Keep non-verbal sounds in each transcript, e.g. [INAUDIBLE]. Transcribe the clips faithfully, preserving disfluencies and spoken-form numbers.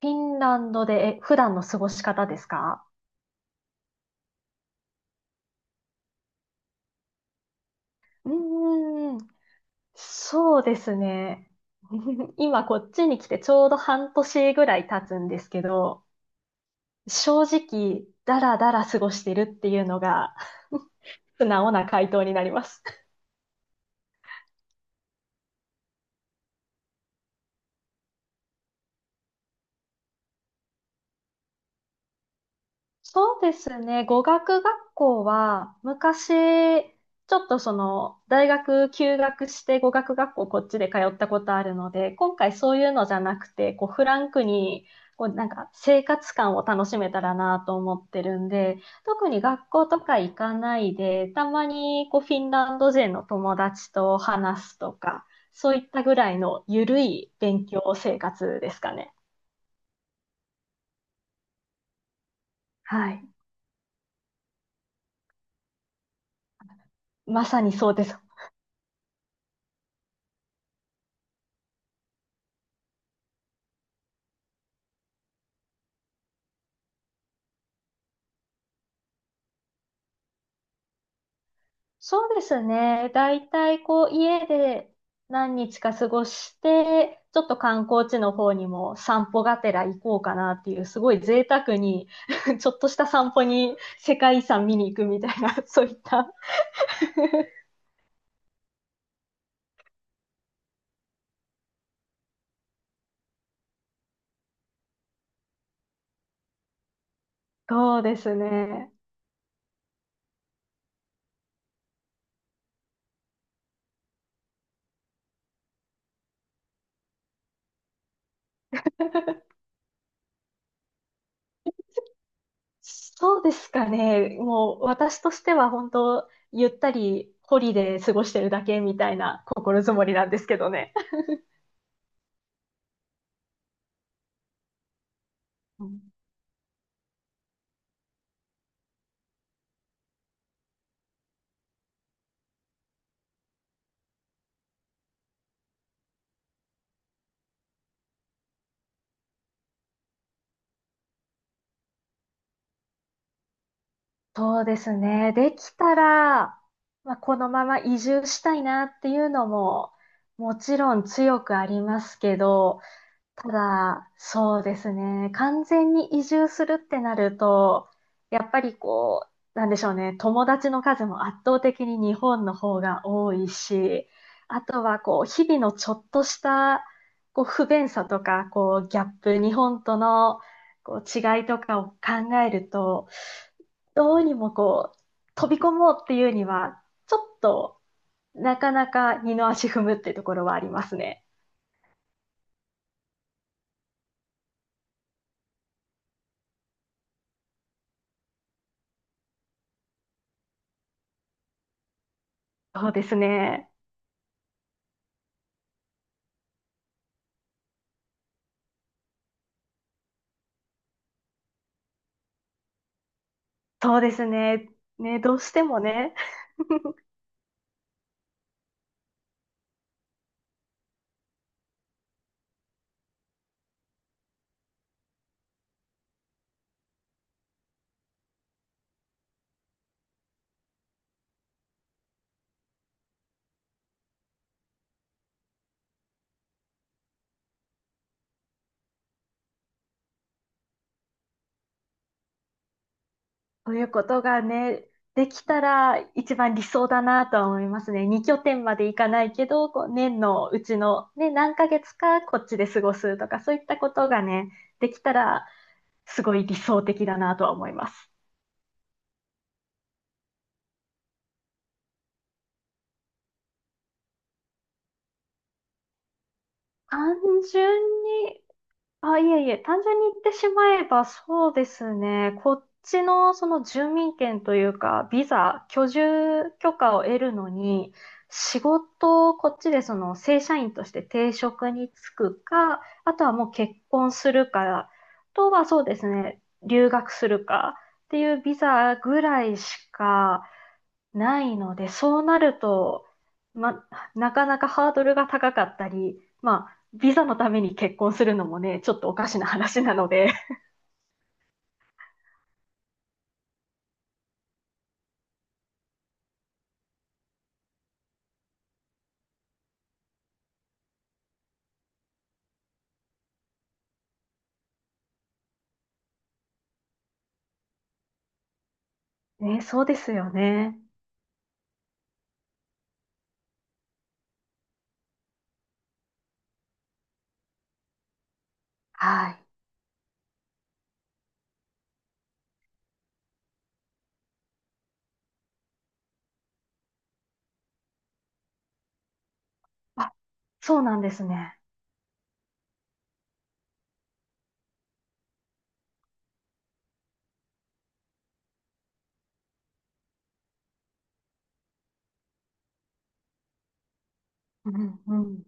フィンランドで、え、普段の過ごし方ですか？うーん、そうですね。[LAUGHS] 今こっちに来てちょうど半年ぐらい経つんですけど、正直、だらだら過ごしてるっていうのが [LAUGHS] 素直な回答になります。そうですね。語学学校は、昔、ちょっとその、大学休学して語学学校こっちで通ったことあるので、今回そういうのじゃなくて、こう、フランクに、こう、なんか、生活感を楽しめたらなと思ってるんで、特に学校とか行かないで、たまに、こう、フィンランド人の友達と話すとか、そういったぐらいの緩い勉強生活ですかね。はい。まさにそうです。そうですね。だいたいこう家で何日か過ごして、ちょっと観光地の方にも散歩がてら行こうかなっていう、すごい贅沢に [LAUGHS] ちょっとした散歩に世界遺産見に行くみたいな、[LAUGHS] そういった。そうですね。そうですかね。もう私としては本当、ゆったりホリで過ごしてるだけみたいな心づもりなんですけどね。うん。そうですね。できたら、まあ、このまま移住したいなっていうのも、もちろん強くありますけど、ただ、そうですね。完全に移住するってなると、やっぱりこう、なんでしょうね。友達の数も圧倒的に日本の方が多いし、あとはこう、日々のちょっとした、こう、不便さとか、こう、ギャップ、日本との、こう、違いとかを考えると、どうにもこう、飛び込もうっていうには、ちょっと、なかなか二の足踏むっていうところはありますね。そうですね。そうですね。ね、どうしてもね、そういうことがね、できたら一番理想だなとは思いますね。に拠点まで行かないけど、こう年のうちの、ね、何ヶ月かこっちで過ごすとか、そういったことがね、できたらすごい理想的だなとは思います。単純にあ、いえいえ、単純に言ってしまえばそうですね。こっちのその住民権というか、ビザ、居住許可を得るのに、仕事をこっちでその正社員として定職に就くか、あとはもう結婚するか、あとはそうですね、留学するかっていうビザぐらいしか、ないので、そうなると、ま、なかなかハードルが高かったり、まあ、ビザのために結婚するのもね、ちょっとおかしな話なので。[LAUGHS] ね、そうですよね。はい。あ、そうなんですね。うんうん。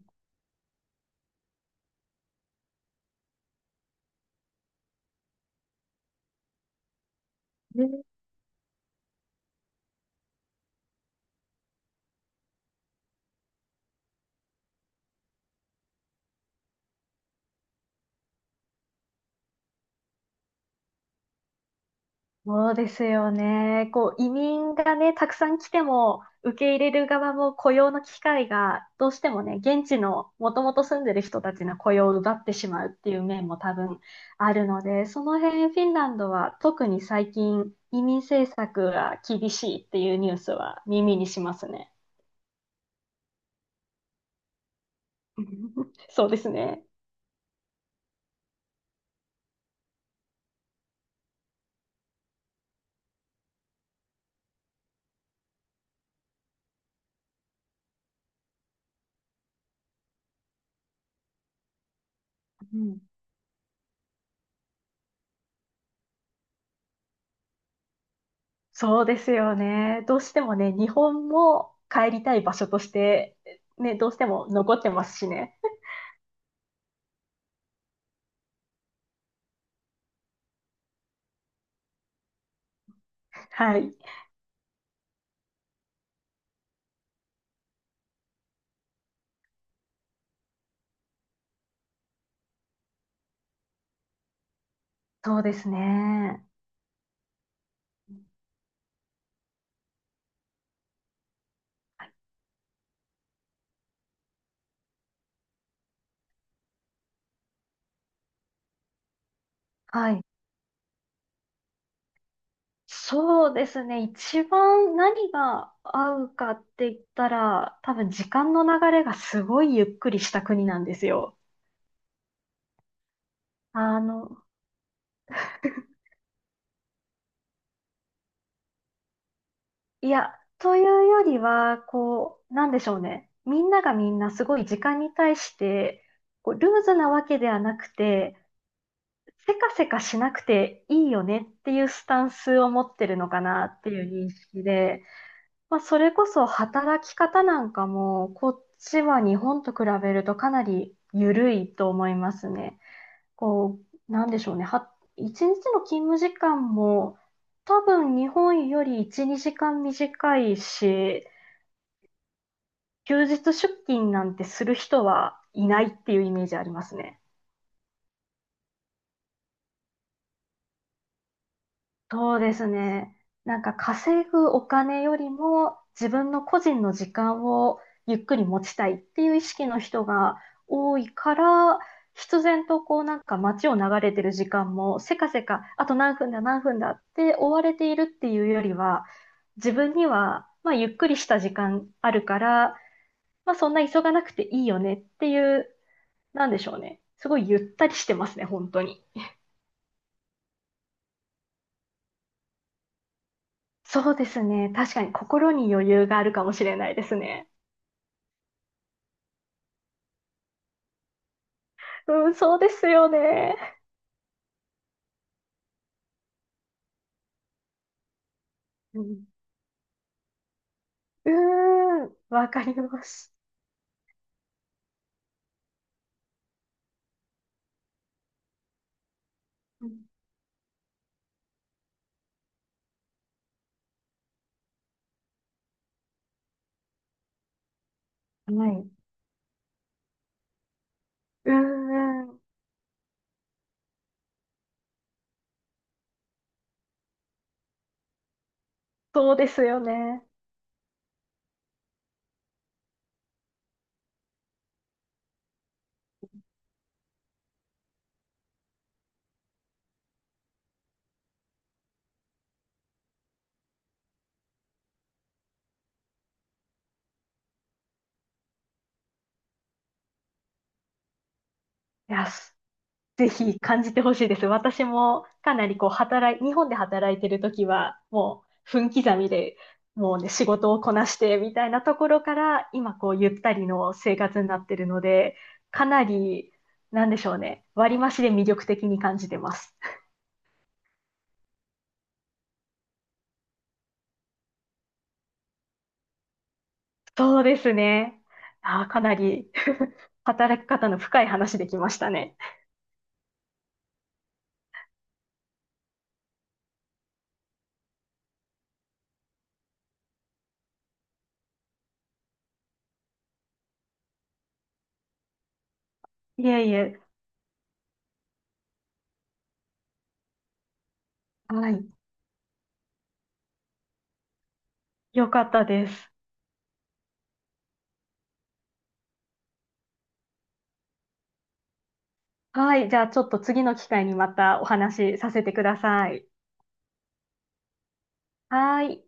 そうですよね。こう、移民がね、たくさん来ても、受け入れる側も雇用の機会が、どうしてもね、現地のもともと住んでる人たちの雇用を奪ってしまうっていう面も多分あるので、その辺フィンランドは特に最近移民政策が厳しいっていうニュースは耳にしますね。[LAUGHS] そうですね。うん。そうですよね。どうしてもね、日本も帰りたい場所として、ね、どうしても残ってますしね。はい。そうですね。はい。そうですね。一番何が合うかって言ったら、多分時間の流れがすごいゆっくりした国なんですよ。あの、いや、というよりは、こう、なんでしょうね。みんながみんなすごい時間に対して、こう、ルーズなわけではなくて、せかせかしなくていいよねっていうスタンスを持ってるのかなっていう認識で、まあ、それこそ働き方なんかも、こっちは日本と比べるとかなり緩いと思いますね。こう、なんでしょうね。は、一日の勤務時間も多分日本よりいち、にじかん短いし、休日出勤なんてする人はいないっていうイメージありますね。そうですね。なんか稼ぐお金よりも自分の個人の時間をゆっくり持ちたいっていう意識の人が多いから、必然とこうなんか街を流れてる時間もせかせか、あと何分だ何分だって追われているっていうよりは、自分にはまあゆっくりした時間あるから、まあそんな急がなくていいよねっていう、なんでしょうね。すごいゆったりしてますね、本当に。そうですね。確かに心に余裕があるかもしれないですね。うん、そうですよね。うん。うーん、わかります。うん。はい。うーん、そうですよね。いや、すぜひ感じてほしいです。私もかなりこう働い、日本で働いてるときは、もう分刻みで、もうね、仕事をこなしてみたいなところから、今こうゆったりの生活になってるので、かなり、なんでしょうね、割増で魅力的に感じてます。そうですね。あー、かなり [LAUGHS] 働き方の深い話できましたね。いえいえ、はい。よかったです。はい。じゃあちょっと次の機会にまたお話しさせてください。はい。